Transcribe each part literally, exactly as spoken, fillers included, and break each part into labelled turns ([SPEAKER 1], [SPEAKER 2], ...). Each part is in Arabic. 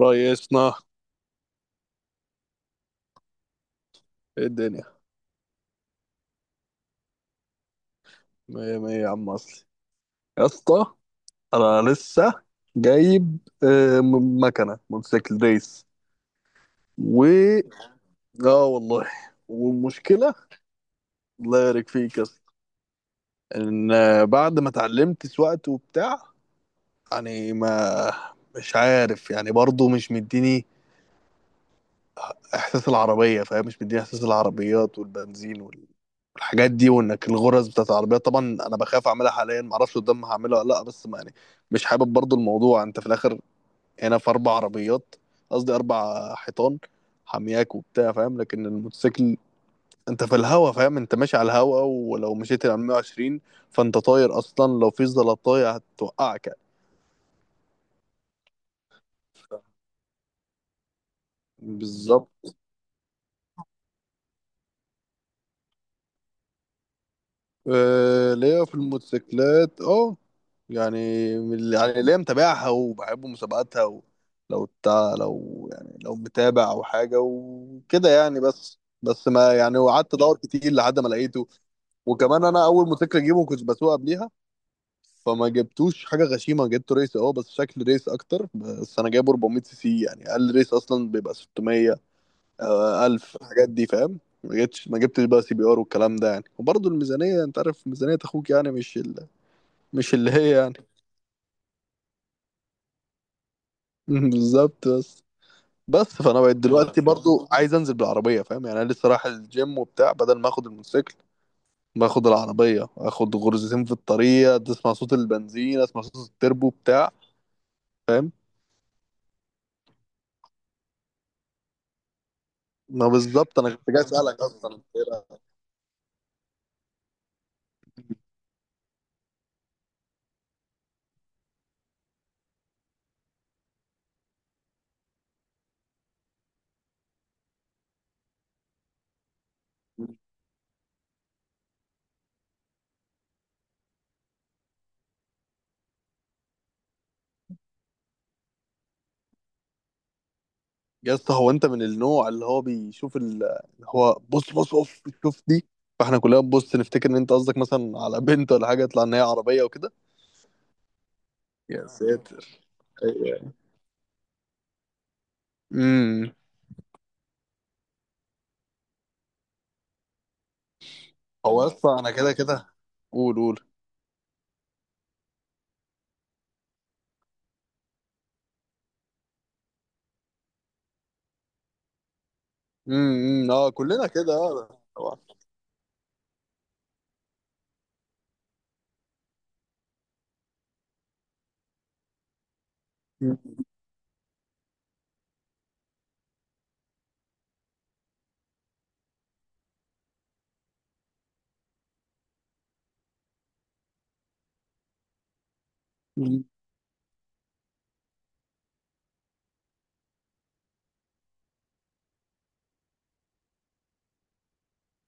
[SPEAKER 1] ريسنا، ايه الدنيا. مية مية يا عم اصلي، يا اسطى. انا لسه جايب آه، م- مكنه موتوسيكل ريس. و اه والله. والمشكله الله يبارك فيك يا اسطى ان آه، بعد ما اتعلمت سواقت وبتاع. يعني ما مش عارف، يعني برضه مش مديني احساس العربيه، فاهم؟ مش مديني احساس العربيات والبنزين، الحاجات دي، وانك الغرز بتاعت العربيات طبعا. انا بخاف اعملها حاليا، ما اعرفش قدام هعملها ولا لا، بس ما يعني مش حابب برضو الموضوع. انت في الاخر هنا في اربع عربيات، قصدي اربع حيطان حامياك وبتاع، فاهم؟ لكن الموتوسيكل انت في الهوا، فاهم؟ انت ماشي على الهوا، ولو مشيت على ميه وعشرين فانت طاير اصلا. لو في زلطايه هتوقعك يعني. بالظبط. آه، ليا في الموتوسيكلات اه، يعني من اللي- يعني ليا متابعها وبحب مسابقاتها و... لو تا... لو يعني لو متابع او حاجه وكده يعني، بس بس ما يعني قعدت ادور كتير لحد ما لقيته. وكمان انا اول موتوسيكل اجيبه كنت بسوق قبليها، فما جبتوش حاجه غشيمه. جبته ريس، اه بس شكل ريس اكتر. بس انا جايبه اربعمية سي سي، يعني اقل ريس اصلا بيبقى ستمية. آه، ألف الحاجات دي، فاهم؟ ما جبتش ما جبتش بقى سي بي ار والكلام ده، يعني وبرضه الميزانية، أنت عارف ميزانية أخوك يعني، مش ال... مش اللي هي يعني. بالظبط. بس بس فأنا بقيت ايوه دلوقتي برضه عايز أنزل بالعربية، فاهم؟ يعني أنا لسه رايح الجيم وبتاع. بدل ما آخد الموتوسيكل باخد العربية، آخد غرزتين في الطريق، تسمع صوت البنزين، أسمع صوت التربو بتاع، فاهم؟ ما بالظبط أنا كنت جاي. يا اسطى، هو انت من النوع اللي هو بيشوف ال- اللي هو بص بص بص، شوف دي، فاحنا كلنا بنبص نفتكر ان انت قصدك مثلا على بنت ولا حاجه، يطلع ان هي عربيه وكده؟ يا ساتر. ايوه. امم. هو يا اسطى انا كده كده. قول قول. امم، اه كلنا كده اه طبعا. مم. مم.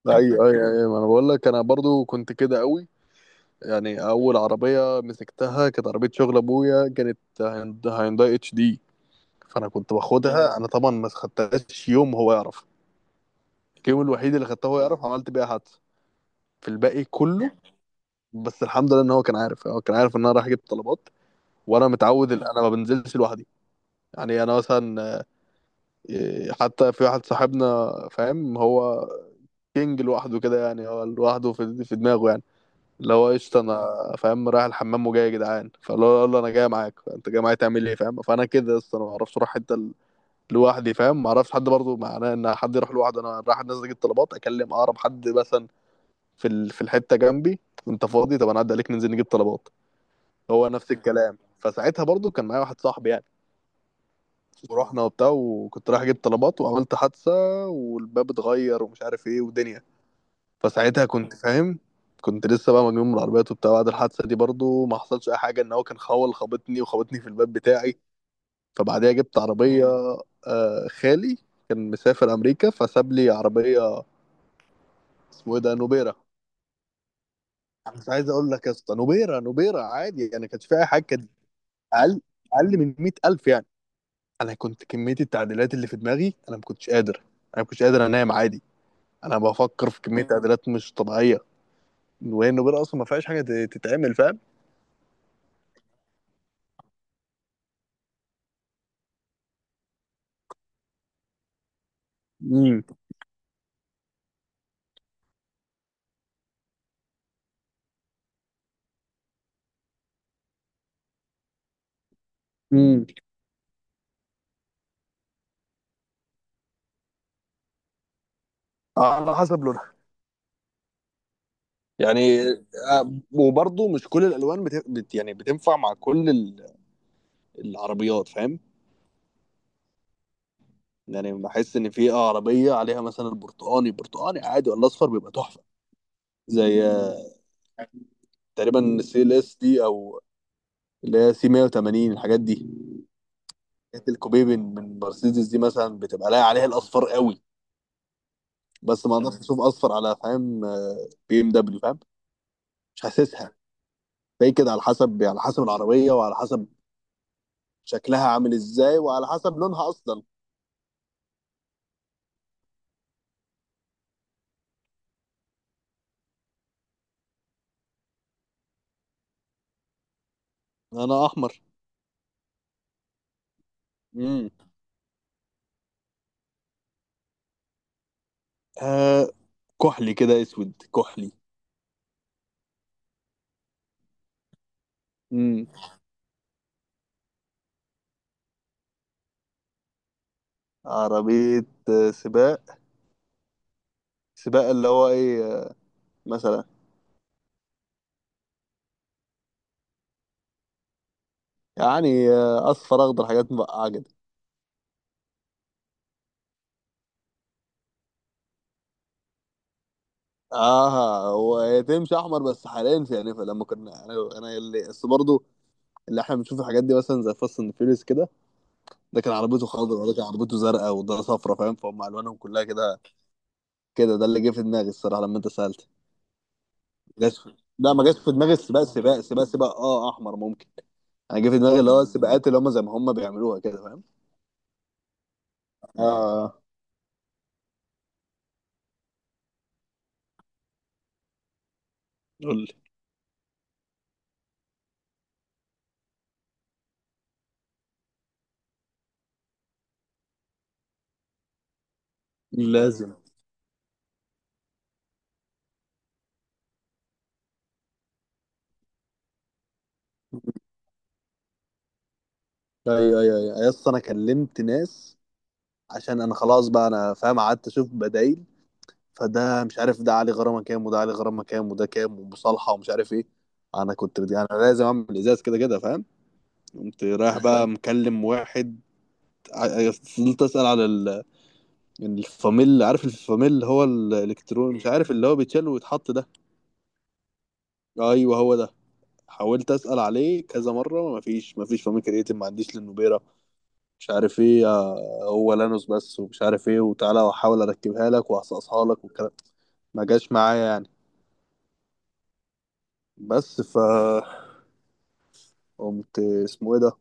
[SPEAKER 1] ايوه ايوه ايوه، ما انا بقول لك انا برضو كنت كده قوي. يعني اول عربيه مسكتها كانت عربيه شغل ابويا، كانت هيوند- هيونداي اتش دي. فانا كنت باخدها، انا طبعا ما خدتهاش يوم هو يعرف. الجيم الوحيد اللي خدته هو يعرف عملت بيها حادثه، في الباقي كله بس الحمد لله. ان هو كان عارف، هو كان عارف ان انا رايح اجيب طلبات، وانا متعود ان انا ما بنزلش لوحدي. يعني انا مثلا إيه، حتى في واحد صاحبنا، فاهم هو كينج لوحده كده يعني، هو لوحده في في دماغه يعني، اللي هو قشطه. انا فاهم؟ رايح الحمام وجاي، يا جدعان فاللي هو يقول له انا جاي معاك، انت جاي معايا تعمل ايه؟ فاهم؟ فانا كده اصلا، انا ما اعرفش اروح حته ال- لوحدي، فاهم؟ ما اعرفش حد برضه معناه ان حد يروح لوحده. انا رايح نازل اجيب طلبات، اكلم اقرب حد مثلا في ال- في الحته جنبي، انت فاضي؟ طب انا اعدي عليك ننزل نجيب طلبات. هو نفس الكلام. فساعتها برضو كان معايا واحد صاحبي يعني، ورحنا وبتاع وكنت رايح اجيب طلبات وعملت حادثه، والباب اتغير ومش عارف ايه ودنيا. فساعتها كنت فاهم، كنت لسه بقى مجنون من العربيات وبتاع. بعد الحادثه دي برضو ما حصلش اي حاجه، ان هو كان خول خبطني، وخبطني في الباب بتاعي. فبعديها جبت عربيه آه، خالي. كان مسافر امريكا، فساب لي عربيه اسمه ايه ده، نوبيرا. مش عايز اقول لك يا اسطى، نوبيرا نوبيرا عادي يعني، كانش فيها اي حاجه. كانت اقل، اقل من مئة الف يعني. انا كنت كميه التعديلات اللي في دماغي، انا ما كنتش قادر، انا ما كنتش قادر انام عادي. انا بفكر في كميه تعديلات مش طبيعيه، وهي النوبير اصلا ما فيهاش حاجه ت- تتعمل، فاهم؟ امم. امم. على حسب لونها يعني. آه، وبرضه مش كل الالوان بت... بت... يعني بتنفع مع كل ال- العربيات، فاهم؟ يعني بحس ان في عربيه عليها مثلا برتقاني، برتقاني عادي ولا اصفر بيبقى تحفه. زي آه، تقريبا السي ال اس دي او، اللي هي سي مئة وثمانين الحاجات دي، الكوبيبن من مرسيدس دي مثلا، بتبقى لاقي عليها الاصفر قوي. بس ما اقدرش مم. اشوف اصفر على فاهم آه، بي ام دبليو، فاهم؟ مش حاسسها. فهي كده على حسب، على حسب العربيه، وعلى حسب شكلها عامل ازاي، وعلى حسب لونها اصلا. انا احمر. امم. آه كحلي كده، اسود كحلي. امم. عربيه آه، سباق، سباق اللي هو ايه آه، مثلا، يعني آه، اصفر اخضر، حاجات مبقعه كده. اه، هو هي تمشي احمر بس حاليا. في يعني لما كنا، انا انا اللي بس برضه اللي احنا بنشوف الحاجات دي، مثلا زي فاست اند فيوريوس كده، ده كان عربيته خضراء، وده كان عربيته زرقاء، وده صفرا فاهم؟ فهم الوانهم كلها كده. كده ده اللي جه في دماغي الصراحه لما انت سالت. جاش في... لا ما جاش في دماغي السباق، سباق سباق سباق اه، احمر ممكن. انا جه في دماغي اللي هو السباقات اللي هم زي ما هم بيعملوها كده، فاهم؟ اه. قول لي. لازم. ايوه ايوه ايوه أيوة، يس، انا كلمت ناس عشان انا خلاص بقى، انا فاهم قعدت اشوف بدايل. فده مش عارف ده علي غرامه كام، وده علي غرامه كام، وده كام ومصالحه ومش عارف ايه. انا كنت بدي انا لازم اعمل ازاز كده كده، فاهم؟ قمت رايح بقى مكلم واحد، ع- فضلت اسال على ال- يعني الفاميل، عارف الفاميل هو الالكترون، مش عارف اللي هو بيتشال ويتحط ده. ايوه هو ده. حاولت اسال عليه كذا مره، مفيش مفيش فاميل كرياتين ما عنديش للنوبيرا، مش عارف ايه آه، هو لانوس بس، ومش عارف ايه وتعالى واحاول اركبها لك واصقصها لك والكلام، ما جاش معايا يعني. بس ف قمت اسمه ايه ده،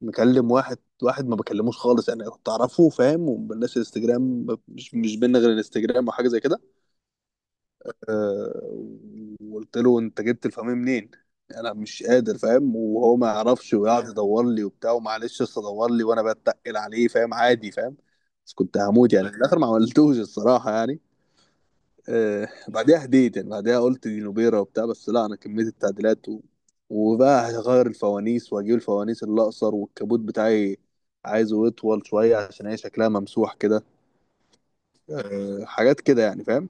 [SPEAKER 1] مكلم واحد. واحد ما بكلموش خالص، انا كنت اعرفه فاهم، ومبلش الانستجرام، مش مش بينا غير الانستجرام او حاجه زي كده. أه. وقلت له انت جبت الفاميه منين؟ انا مش قادر، فاهم؟ وهو ما يعرفش ويقعد يدور لي وبتاع، ومعلش اصل ادور لي، وانا بتقل عليه فاهم، عادي فاهم. بس كنت هموت يعني. في الاخر ما عملتوش الصراحه يعني. آه بعدها هديت يعني. بعدها قلت دي نوبيرا وبتاع، بس لا انا كميه التعديلات و... وبقى هغير الفوانيس، واجيب الفوانيس اللي اقصر، والكبوت بتاعي عايزه يطول شويه عشان هي شكلها ممسوح كده. آه حاجات كده يعني، فاهم؟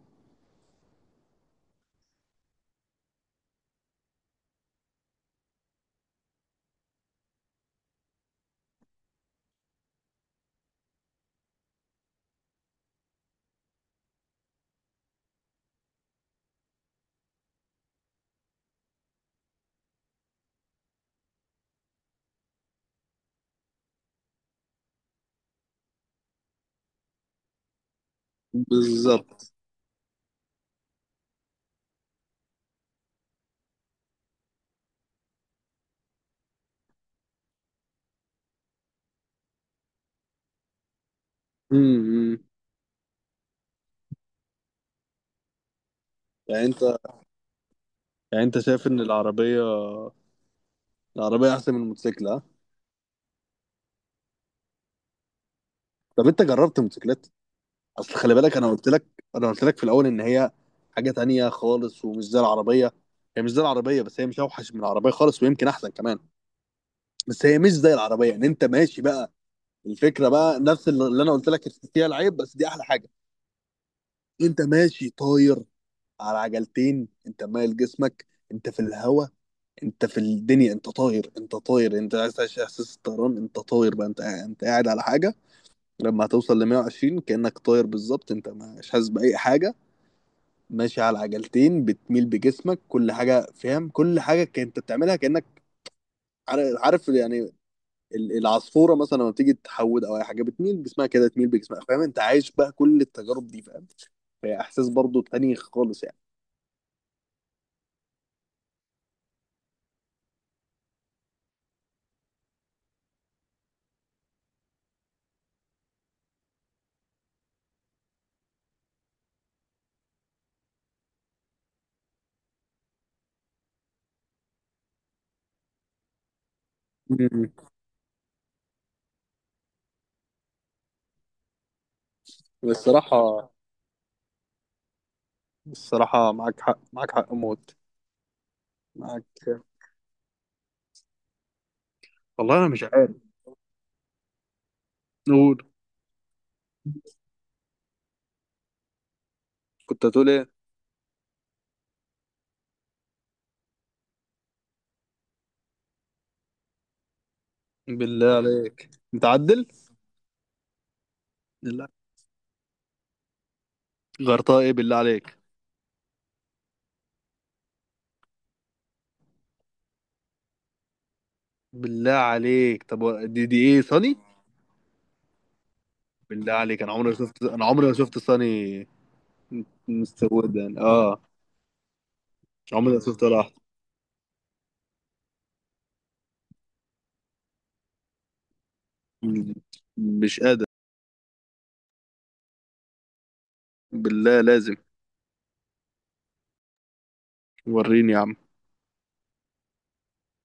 [SPEAKER 1] بالظبط. امم. يعني انت، يعني انت شايف ان العربيه، العربيه احسن من الموتوسيكل، ها؟ طب انت جربت الموتوسيكلات. اصل خلي بالك انا قلت لك، انا قلت لك في الاول ان هي حاجه تانية خالص ومش زي العربيه. هي مش زي العربيه، بس هي مش اوحش من العربيه خالص، ويمكن احسن كمان، بس هي مش زي العربيه. يعني انت ماشي بقى، الفكره بقى نفس اللي انا قلت لك، فيها العيب بس دي احلى حاجه. انت ماشي طاير، على عجلتين، انت مايل جسمك، انت في الهواء، انت في الدنيا، انت طاير، انت طاير، انت عايز تعيش احساس الطيران، انت طاير بقى، انت قاعد- انت قاعد على حاجه. لما هتوصل ل ميه وعشرين كانك طاير بالظبط، انت مش حاسس باي حاجه. ماشي على عجلتين بتميل بجسمك، كل حاجه فاهم، كل حاجه كنت بتعملها كانك عار- عارف يعني. ال- العصفوره مثلا لما بتيجي تحود او اي حاجه، بتميل بجسمها كده، تميل بجسمها، فاهم؟ انت عايش بقى كل التجارب دي، فاهم؟ فهي احساس برضو تاني خالص يعني. مم. الصراحه، الصراحه معاك حق، معاك حق موت. معاك. والله انا مش عارف نقول. كنت هتقول ايه؟ بالله عليك متعدل. بالله غيرتها ايه بالله عليك؟ بالله عليك طب و- دي دي ايه، صني؟ بالله عليك، انا عمري ما شفت، انا عمري ما شفت صني. مستودا اه. عمري ما شفت ولا واحد. مش قادر. بالله لازم. وريني يا عم.